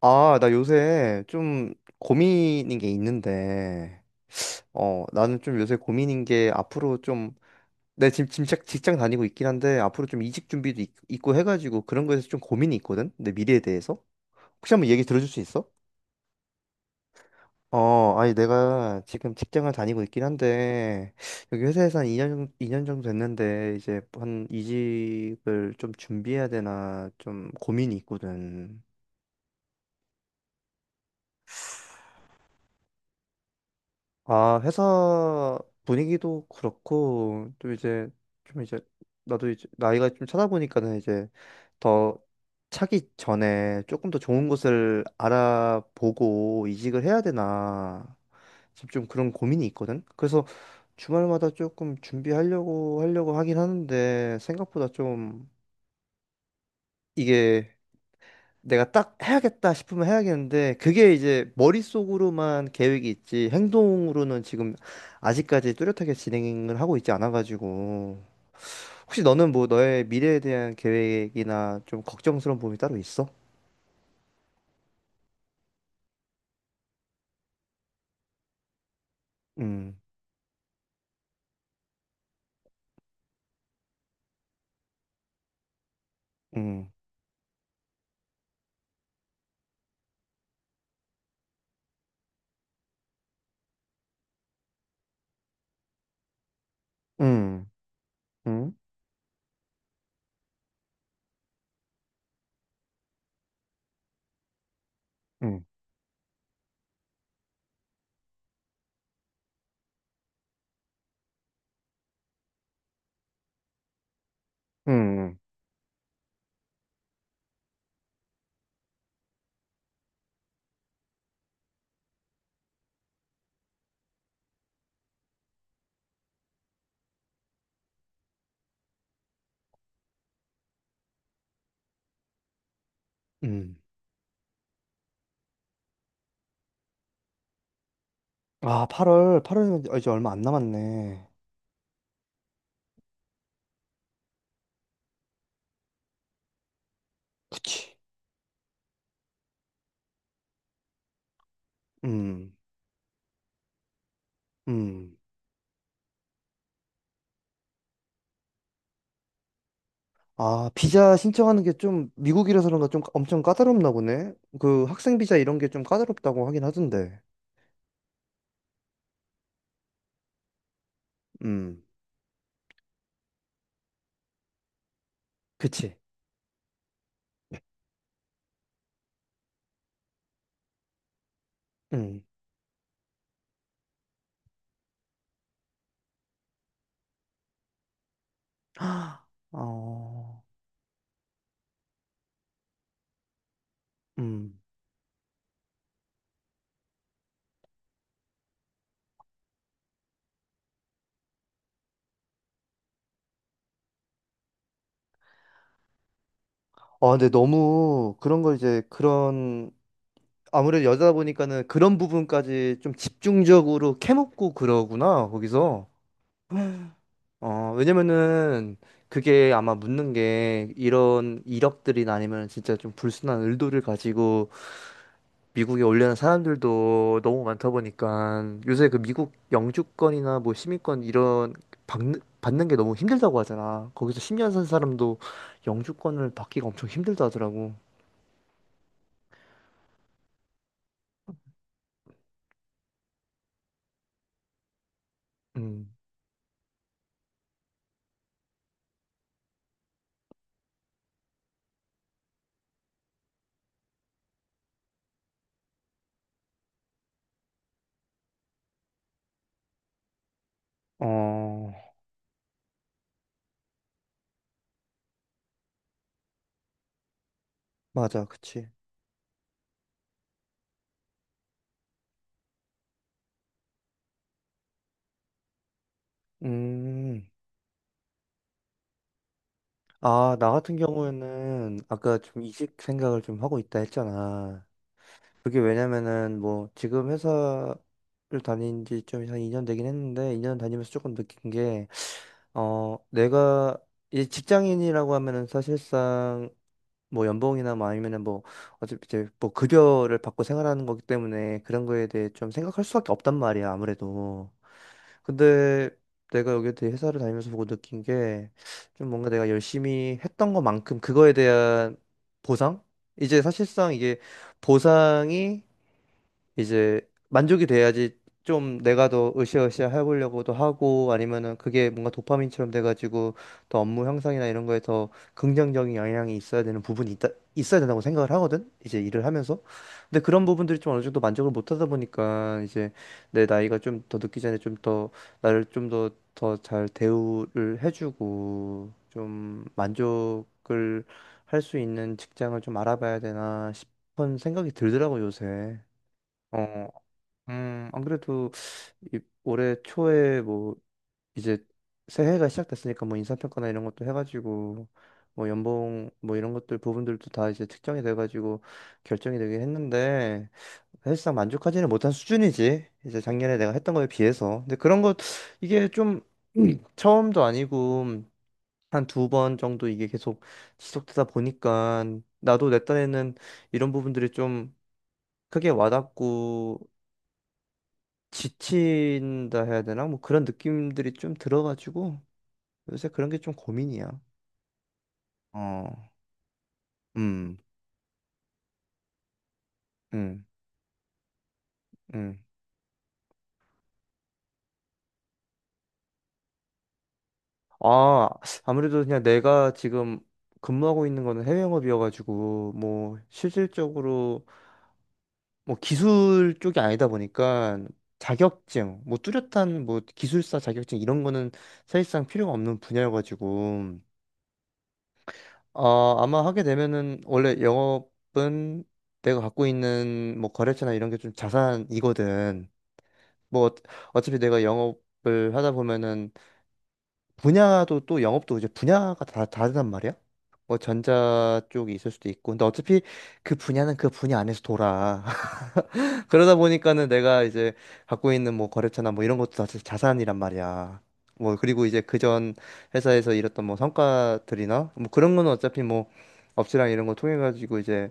아, 나 요새 좀 고민인 게 있는데, 나는 좀 요새 고민인 게 앞으로 좀, 내 지금 직장 다니고 있긴 한데, 앞으로 좀 이직 준비도 있고 해가지고 그런 거에서 좀 고민이 있거든? 내 미래에 대해서? 혹시 한번 얘기 들어줄 수 있어? 아니, 내가 지금 직장을 다니고 있긴 한데, 여기 회사에서 한 2년 정도 됐는데, 이제 한 이직을 좀 준비해야 되나 좀 고민이 있거든. 아, 회사 분위기도 그렇고, 또 이제, 좀 이제, 나도 이제, 나이가 좀 차다 보니까는 이제, 더 차기 전에 조금 더 좋은 곳을 알아보고 이직을 해야 되나, 지금 좀 그런 고민이 있거든? 그래서 주말마다 조금 준비하려고, 하려고 하긴 하는데, 생각보다 좀, 이게 내가 딱 해야겠다 싶으면 해야겠는데 그게 이제 머릿속으로만 계획이 있지 행동으로는 지금 아직까지 뚜렷하게 진행을 하고 있지 않아가지고 혹시 너는 뭐 너의 미래에 대한 계획이나 좀 걱정스러운 부분이 따로 있어? 음, 음, 음, 음, 음, 음, 음. 아, 8월이면 이제 얼마 안 남았네. 그치. 음, 음. 아, 비자 신청하는 게 좀 미국이라서 그런가 좀 엄청 까다롭나 보네. 그 학생 비자 이런 게 좀 까다롭다고 하긴 하던데. 음, 그치. 음. 어, 음. 아, 근데 너무 그런 걸 이제 그런 아무래도 여자다 보니까는 그런 부분까지 좀 집중적으로 캐먹고 그러구나, 거기서. 왜냐면은 그게 아마 묻는 게 이런 이력들이나 아니면 진짜 좀 불순한 의도를 가지고 미국에 올려는 사람들도 너무 많다 보니까 요새 그 미국 영주권이나 뭐 시민권 이런 받는 게 너무 힘들다고 하잖아. 거기서 10년 산 사람도 영주권을 받기가 엄청 힘들다 하더라고. 음, 어, 맞아, 그치. 음, 아, 나 같은 경우에는 아까 좀 이직 생각을 좀 하고 있다 했잖아. 그게 왜냐면은 뭐 지금 회사를 다닌 지 좀 한 2년 되긴 했는데 2년 다니면서 조금 느낀 게 내가 이 직장인이라고 하면은 사실상 뭐 연봉이나 뭐 아니면은 뭐 어차피 이제 뭐 급여를 받고 생활하는 거기 때문에 그런 거에 대해 좀 생각할 수밖에 없단 말이야, 아무래도. 근데 내가 여기 대 회사를 다니면서 보고 느낀 게 좀 뭔가 내가 열심히 했던 것만큼 그거에 대한 보상? 이제 사실상 이게 보상이 이제 만족이 돼야지 좀 내가 더 으쌰으쌰 해보려고도 하고 아니면은 그게 뭔가 도파민처럼 돼가지고 더 업무 향상이나 이런 거에 더 긍정적인 영향이 있어야 되는 부분이 있다, 있어야 된다고 생각을 하거든. 이제 일을 하면서. 근데 그런 부분들이 좀 어느 정도 만족을 못 하다 보니까 이제 내 나이가 좀 더 늦기 전에 좀 더 나를 좀 더 잘 대우를 해주고 좀 만족을 할 수 있는 직장을 좀 알아봐야 되나 싶은 생각이 들더라고 요새. 어. 안 그래도 올해 초에 뭐 이제 새해가 시작됐으니까 뭐 인사평가나 이런 것도 해가지고 뭐 연봉 뭐 이런 것들 부분들도 다 이제 특정이 돼가지고 결정이 되긴 했는데 사실상 만족하지는 못한 수준이지. 이제 작년에 내가 했던 거에 비해서. 근데 그런 것 이게 좀 음, 처음도 아니고 한 두 번 정도 이게 계속 지속되다 보니까 나도 내 딴에는 이런 부분들이 좀 크게 와닿고 지친다 해야 되나? 뭐 그런 느낌들이 좀 들어가지고 요새 그런 게 좀 고민이야. 어, 음, 음, 음. 아, 아무래도 그냥 내가 지금 근무하고 있는 거는 해외 영업이어가지고 뭐 실질적으로 뭐 기술 쪽이 아니다 보니까 자격증, 뭐 뚜렷한 뭐 기술사 자격증 이런 거는 사실상 필요가 없는 분야여가지고 아, 아마 하게 되면은 원래 영업은 내가 갖고 있는 뭐 거래처나 이런 게 좀 자산이거든. 뭐 어차피 내가 영업을 하다 보면은 분야도 또 영업도 이제 분야가 다 다르단 말이야. 뭐 전자 쪽이 있을 수도 있고. 근데 어차피 그 분야는 그 분야 안에서 돌아. 그러다 보니까는 내가 이제 갖고 있는 뭐 거래처나 뭐 이런 것도 다 자산이란 말이야. 뭐 그리고 이제 그전 회사에서 일했던 뭐 성과들이나 뭐 그런 거는 어차피 뭐 업체랑 이런 거 통해 가지고 이제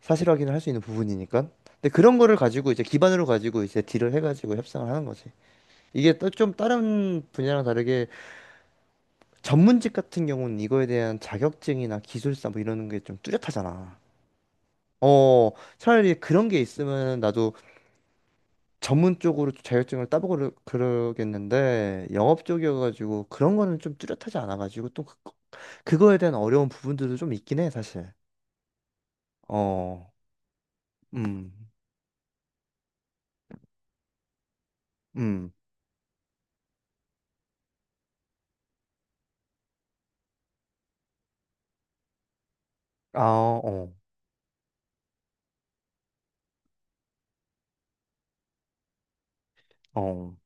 사실 확인을 할 수 있는 부분이니까. 근데 그런 거를 가지고 이제 기반으로 가지고 이제 딜을 해 가지고 협상을 하는 거지. 이게 또 좀 다른 분야랑 다르게 전문직 같은 경우는 이거에 대한 자격증이나 기술사 뭐 이러는 게 좀 뚜렷하잖아. 어, 차라리 그런 게 있으면 나도 전문 쪽으로 자격증을 따보고 그러겠는데 영업 쪽이어가지고 그런 거는 좀 뚜렷하지 않아가지고 또 그거에 대한 어려운 부분들도 좀 있긴 해 사실. 어. 음. 음. 아. 어. 어.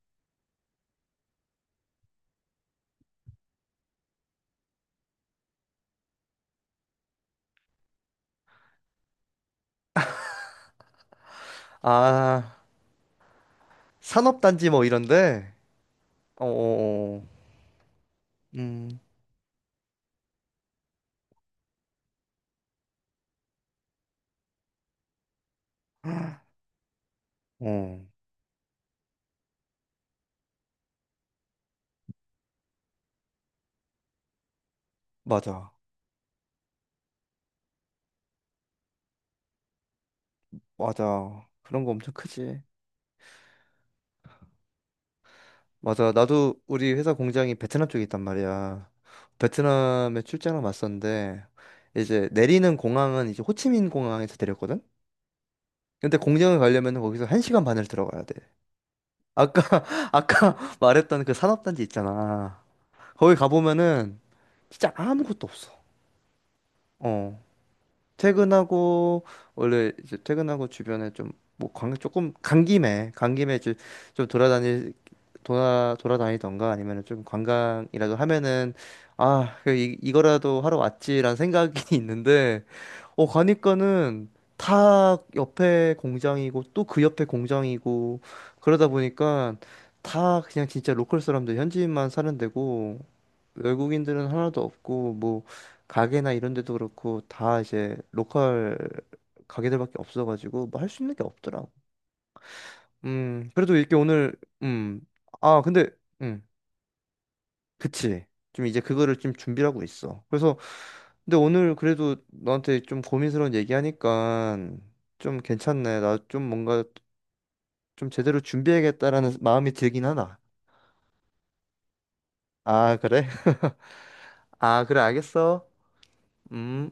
아. 산업단지 뭐 이런데. 어어어. 음. 어. 맞아, 맞아. 그런 거 엄청 크지. 맞아. 나도 우리 회사 공장이 베트남 쪽에 있단 말이야. 베트남에 출장을 왔었는데 이제 내리는 공항은 이제 호치민 공항에서 내렸거든. 근데 공장을 가려면 거기서 1시간 반을 들어가야 돼. 아까 아까 말했던 그 산업단지 있잖아. 거기 가보면은 진짜 아무것도 없어. 어. 퇴근하고 원래 이제 퇴근하고 주변에 좀뭐 조금 간 김에 간 김에 이제 좀 돌아다니던가 아니면은 좀 관광이라도 하면은 아, 이거라도 하러 왔지라는 생각이 있는데 가니까는 다 옆에 공장이고 또 그 옆에 공장이고 그러다 보니까 다 그냥 진짜 로컬 사람들 현지인만 사는 데고 외국인들은 하나도 없고 뭐 가게나 이런 데도 그렇고 다 이제 로컬 가게들밖에 없어가지고 뭐 할 수 있는 게 없더라고. 그래도 이렇게 오늘. 음, 아, 근데 음, 그치. 좀 이제 그거를 좀 준비를 하고 있어. 그래서 근데 오늘 그래도 너한테 좀 고민스러운 얘기하니까 좀 괜찮네. 나 좀 뭔가 좀 제대로 준비해야겠다라는 마음이 들긴 하나. 아, 그래? 아, 그래 알겠어. 음.